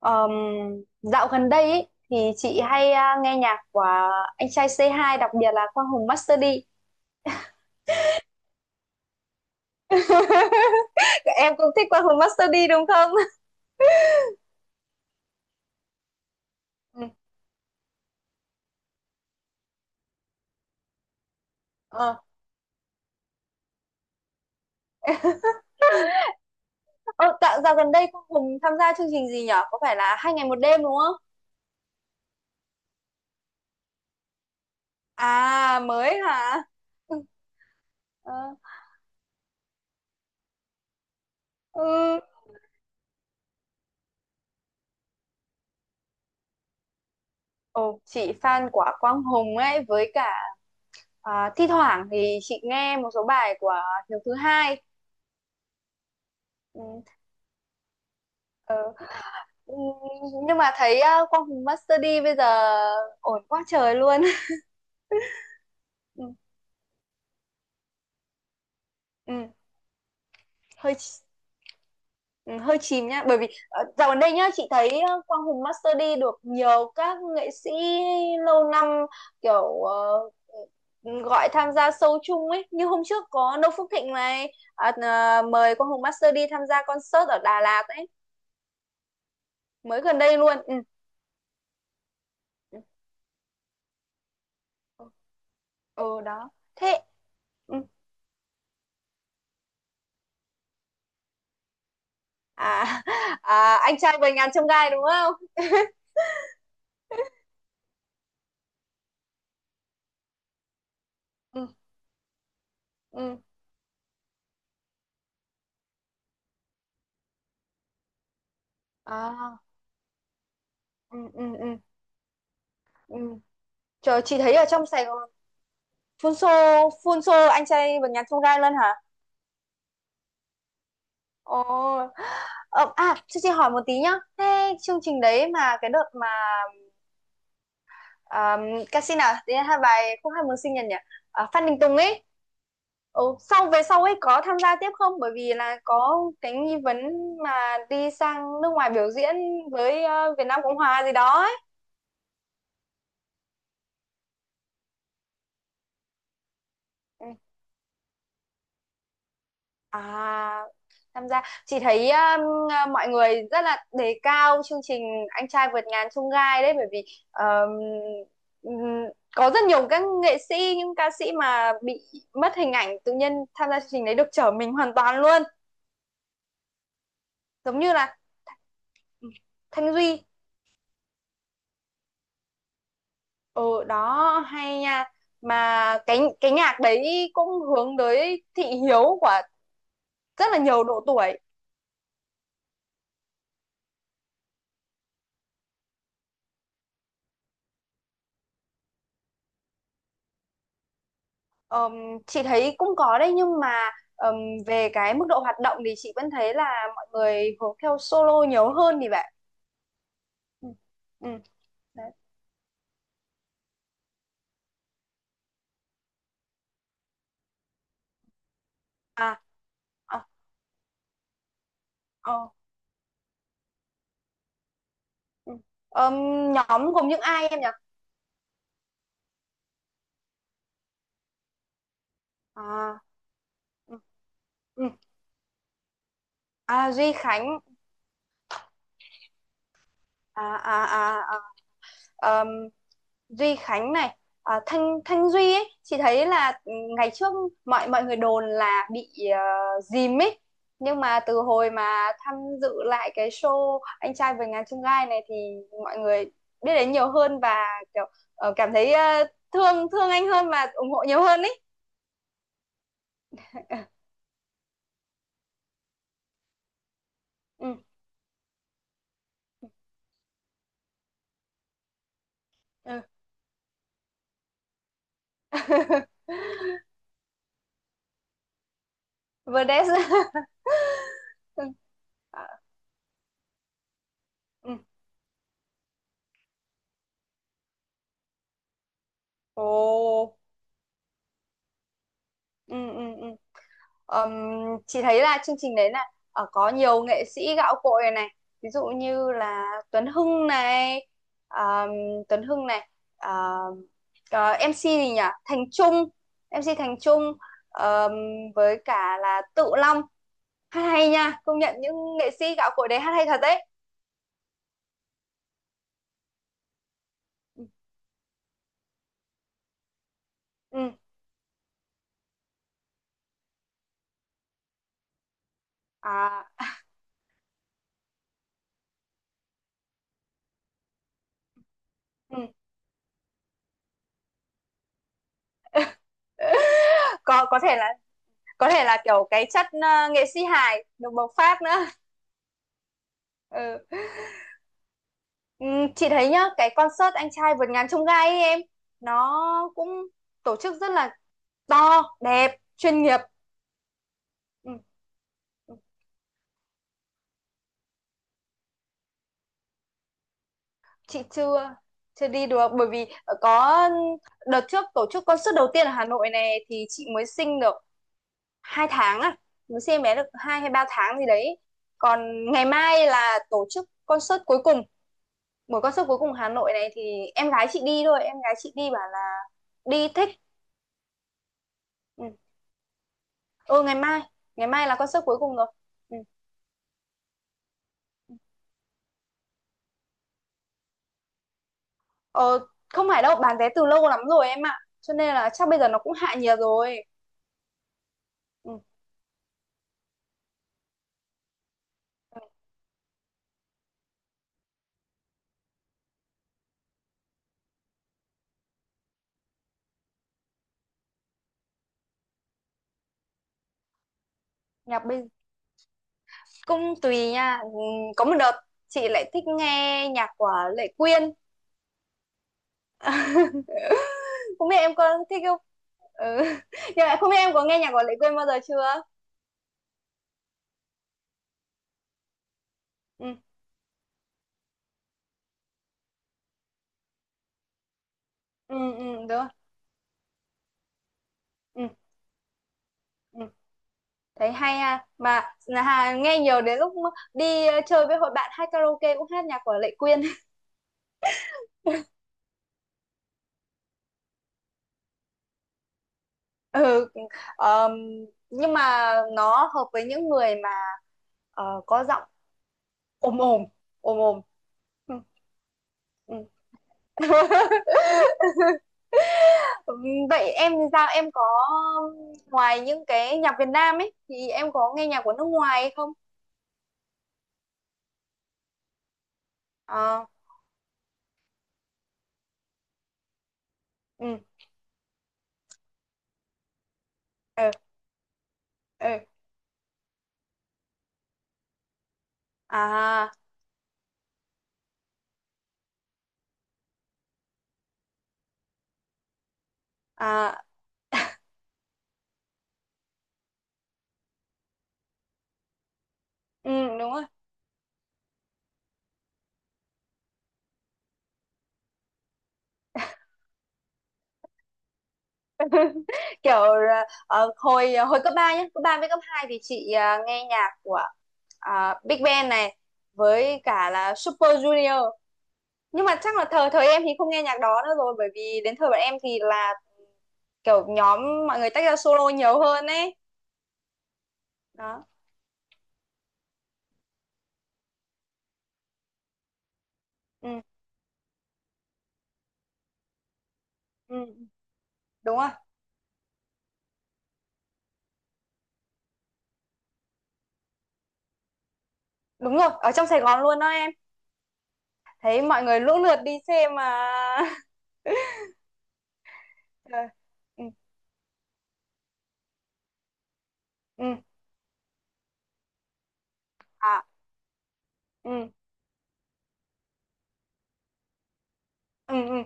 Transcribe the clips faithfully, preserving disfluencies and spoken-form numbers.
Ờm, dạo gần đây ý, thì chị hay à, nghe nhạc của anh trai c hai, đặc biệt là Quang Hùng Master D. Em cũng thích Quang Hùng Master D đúng không? Ừ. Ờ, Ờ, dạo, dạo gần đây Quang Hùng tham gia chương trình gì nhở? Có phải là hai ngày một đêm đúng không? À mới hả? Ừ. ờ, ừ. Ồ, chị fan của Quang Hùng ấy, với cả à, thi thoảng thì chị nghe một số bài của Hiếu thứ hai. Ừ. ờ. Ừ, nhưng mà thấy ờ, Quang Hùng Master D bây giờ ổn quá trời luôn. ừ, ừ, hơi ch- ừ, hơi chìm nhá, bởi vì ờ, dạo gần đây nhá chị thấy ờ, Quang Hùng Master D được nhiều các nghệ sĩ lâu năm kiểu ờ, gọi tham gia show chung ấy, như hôm trước có Noo Phước Thịnh này, à, à, mời Quang Hùng Master D tham gia concert ở Đà Lạt ấy, mới gần đây luôn. Ừ. ừ ừ, đó thế ừ. à, à anh trai vầy ngàn chông gai đúng không? ừ ừ à ừ ừ ừ ừ Trời, chị thấy ở trong Sài Gòn phun xô phun xô anh trai vượt ngàn chông gai luôn hả? Ồ. ờ, à cho chị hỏi một tí nhá, thế chương trình đấy mà cái đợt mà um, ca sĩ nào đấy hai bài không hai mừng sinh nhật nhỉ, à, Phan Đình Tùng ấy, ừ, sau về sau ấy có tham gia tiếp không, bởi vì là có cái nghi vấn mà đi sang nước ngoài biểu diễn với ờ, Việt Nam Cộng Hòa gì đó ấy. Ừ. À, tham gia, chị thấy um, à, mọi người rất là đề cao chương trình Anh trai vượt ngàn chông gai đấy, bởi vì um, ừm, có rất nhiều các nghệ sĩ, những ca sĩ mà bị mất hình ảnh, tự nhiên tham gia chương trình đấy được trở mình hoàn toàn luôn, giống như là ừ, Thanh Duy. Ừ đó hay nha, mà cái cái nhạc đấy cũng hướng tới thị hiếu của rất là nhiều độ tuổi. Ờm, chị thấy cũng có đấy nhưng mà ờm, về cái mức độ hoạt động thì chị vẫn thấy là mọi người hướng theo solo nhiều hơn, thì vậy. Ừ. Ừ. Đấy. À, à, ờ, ừ. Ờm, nhóm gồm những ai em nhỉ? À, ừ. ừ. À, Duy Khánh. À, à, à, à. Ờm, Duy Khánh này, à, Thanh Thanh Duy ấy chị thấy là ừ, ngày trước mọi mọi người đồn là bị uh, dìm ấy, nhưng mà từ hồi mà tham dự lại cái show Anh trai vượt ngàn chông gai này thì mọi người biết đến nhiều hơn, và kiểu ờ, cảm thấy ờ, thương thương anh hơn và ủng hộ nhiều hơn ấy. Ừ. ừ. Verdes. ừ. À, ừ. Ồ. ừ ừ ừ. Ờm, chị thấy là chương trình đấy là ờ, có nhiều nghệ sĩ gạo cội này, ví dụ như là Tuấn Hưng này, ờm, Tuấn Hưng này ờ, ờ, em xê gì nhỉ, Thành Trung, em xê Thành Trung, ờm, với cả là Tự Long, hát hay nha, công nhận những nghệ sĩ gạo cội đấy hát hay thật đấy. Ừ. ừ, À, ừ. có có thể là có thể là kiểu cái chất ờ, nghệ sĩ hài được bộc phát nữa. Ừ. Ừ, chị thấy nhá cái concert anh trai vượt ngàn chông gai ấy em, nó cũng tổ chức rất là to đẹp, chuyên nghiệp. Ừ, ừ, chị chưa, chưa đi được bởi vì có đợt trước tổ chức concert đầu tiên ở Hà Nội này, thì chị mới sinh được hai tháng, à, mới sinh em bé được hai hay ba tháng gì đấy, còn ngày mai là tổ chức concert cuối cùng, buổi concert cuối cùng Hà Nội này, thì em gái chị đi thôi, em gái chị đi bảo là đi thích. Ừ. ừ ngày mai, ngày mai là concert cuối cùng rồi. Ừ. Ờ, không phải đâu, bán vé từ lâu lắm rồi em ạ. Cho nên là chắc bây giờ nó cũng hạ nhiệt rồi. Ừ, nhạc bây cũng tùy nha. Ừ, có một đợt chị lại thích nghe nhạc của Lệ Quyên. Không biết em có thích không? Ừ. Nhưng mà không biết em có nghe nhạc của Lệ Quyên bao giờ chưa? Ừ, ừ, ừ, đúng rồi. Ừ, ừ. Thấy hay ha. Mà là Hà nghe nhiều, đến lúc đi ờ, chơi với hội bạn hát karaoke cũng hát nhạc của Lệ Quyên. Ừ, ờm, nhưng mà nó hợp với những người Ờ, có giọng ồm ồm, ồm ồm. Ừ, ừ. Vậy em thì sao? Em có ngoài những cái nhạc Việt Nam ấy thì em có nghe nhạc của nước ngoài hay không? Ờ, ừ, ừ, ừ. À, à, ừ, đúng rồi. Kiểu ờ, hồi hồi cấp ba nhá, cấp ba với cấp hai thì chị à, nghe nhạc của à, Big Bang này với cả là Super Junior. Nhưng mà chắc là thời thời em thì không nghe nhạc đó nữa rồi, bởi vì đến thời bọn em thì là kiểu nhóm, mọi người tách ra solo nhiều hơn ấy đó. Ừ, ừ, đúng rồi, đúng rồi, ở trong Sài Gòn luôn đó em, thấy mọi người lũ lượt đi xem mà. Ờ, ừ, ừ, à, ừ, ừ, ừ,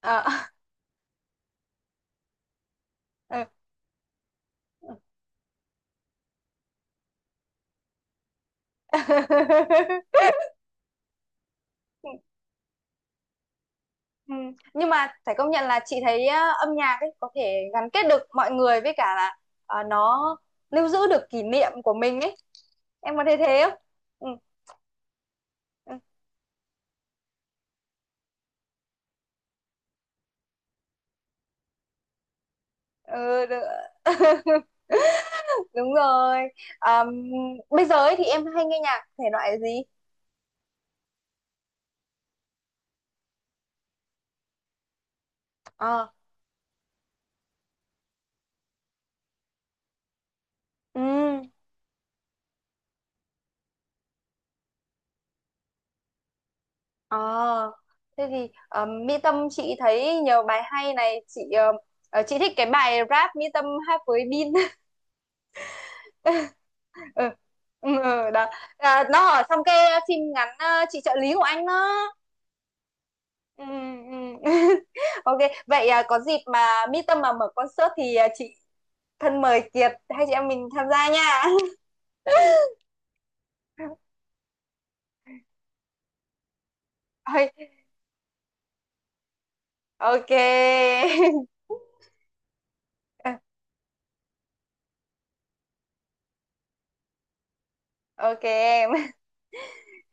ờ, ừ. Ừ, ừ. Nhưng mà phải công nhận là chị thấy á, âm nhạc ấy có thể gắn kết được mọi người, với cả là ờ, nó lưu giữ được kỷ niệm của mình ấy, em có thấy thế không? Ừ. ừ. ừ, được. đúng rồi. Ờm, bây giờ ấy thì em hay nghe nhạc thể loại gì? Ờ ừ ờ thế thì um, Mỹ Tâm chị thấy nhiều bài hay này, chị ờ, ờ, chị thích cái bài rap Mỹ Tâm hát với Bin. ừ. Ừ, ừ, đó, à, nó ở trong cái phim ngắn ờ, chị trợ lý của anh đó. Ừ, ừ. Ok. Vậy à, có dịp mà Mỹ Tâm mà mở concert thì à, chị thân mời Kiệt hai chị em mình tham gia nha. Ôi, ok. Ok em.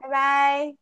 Bye bye.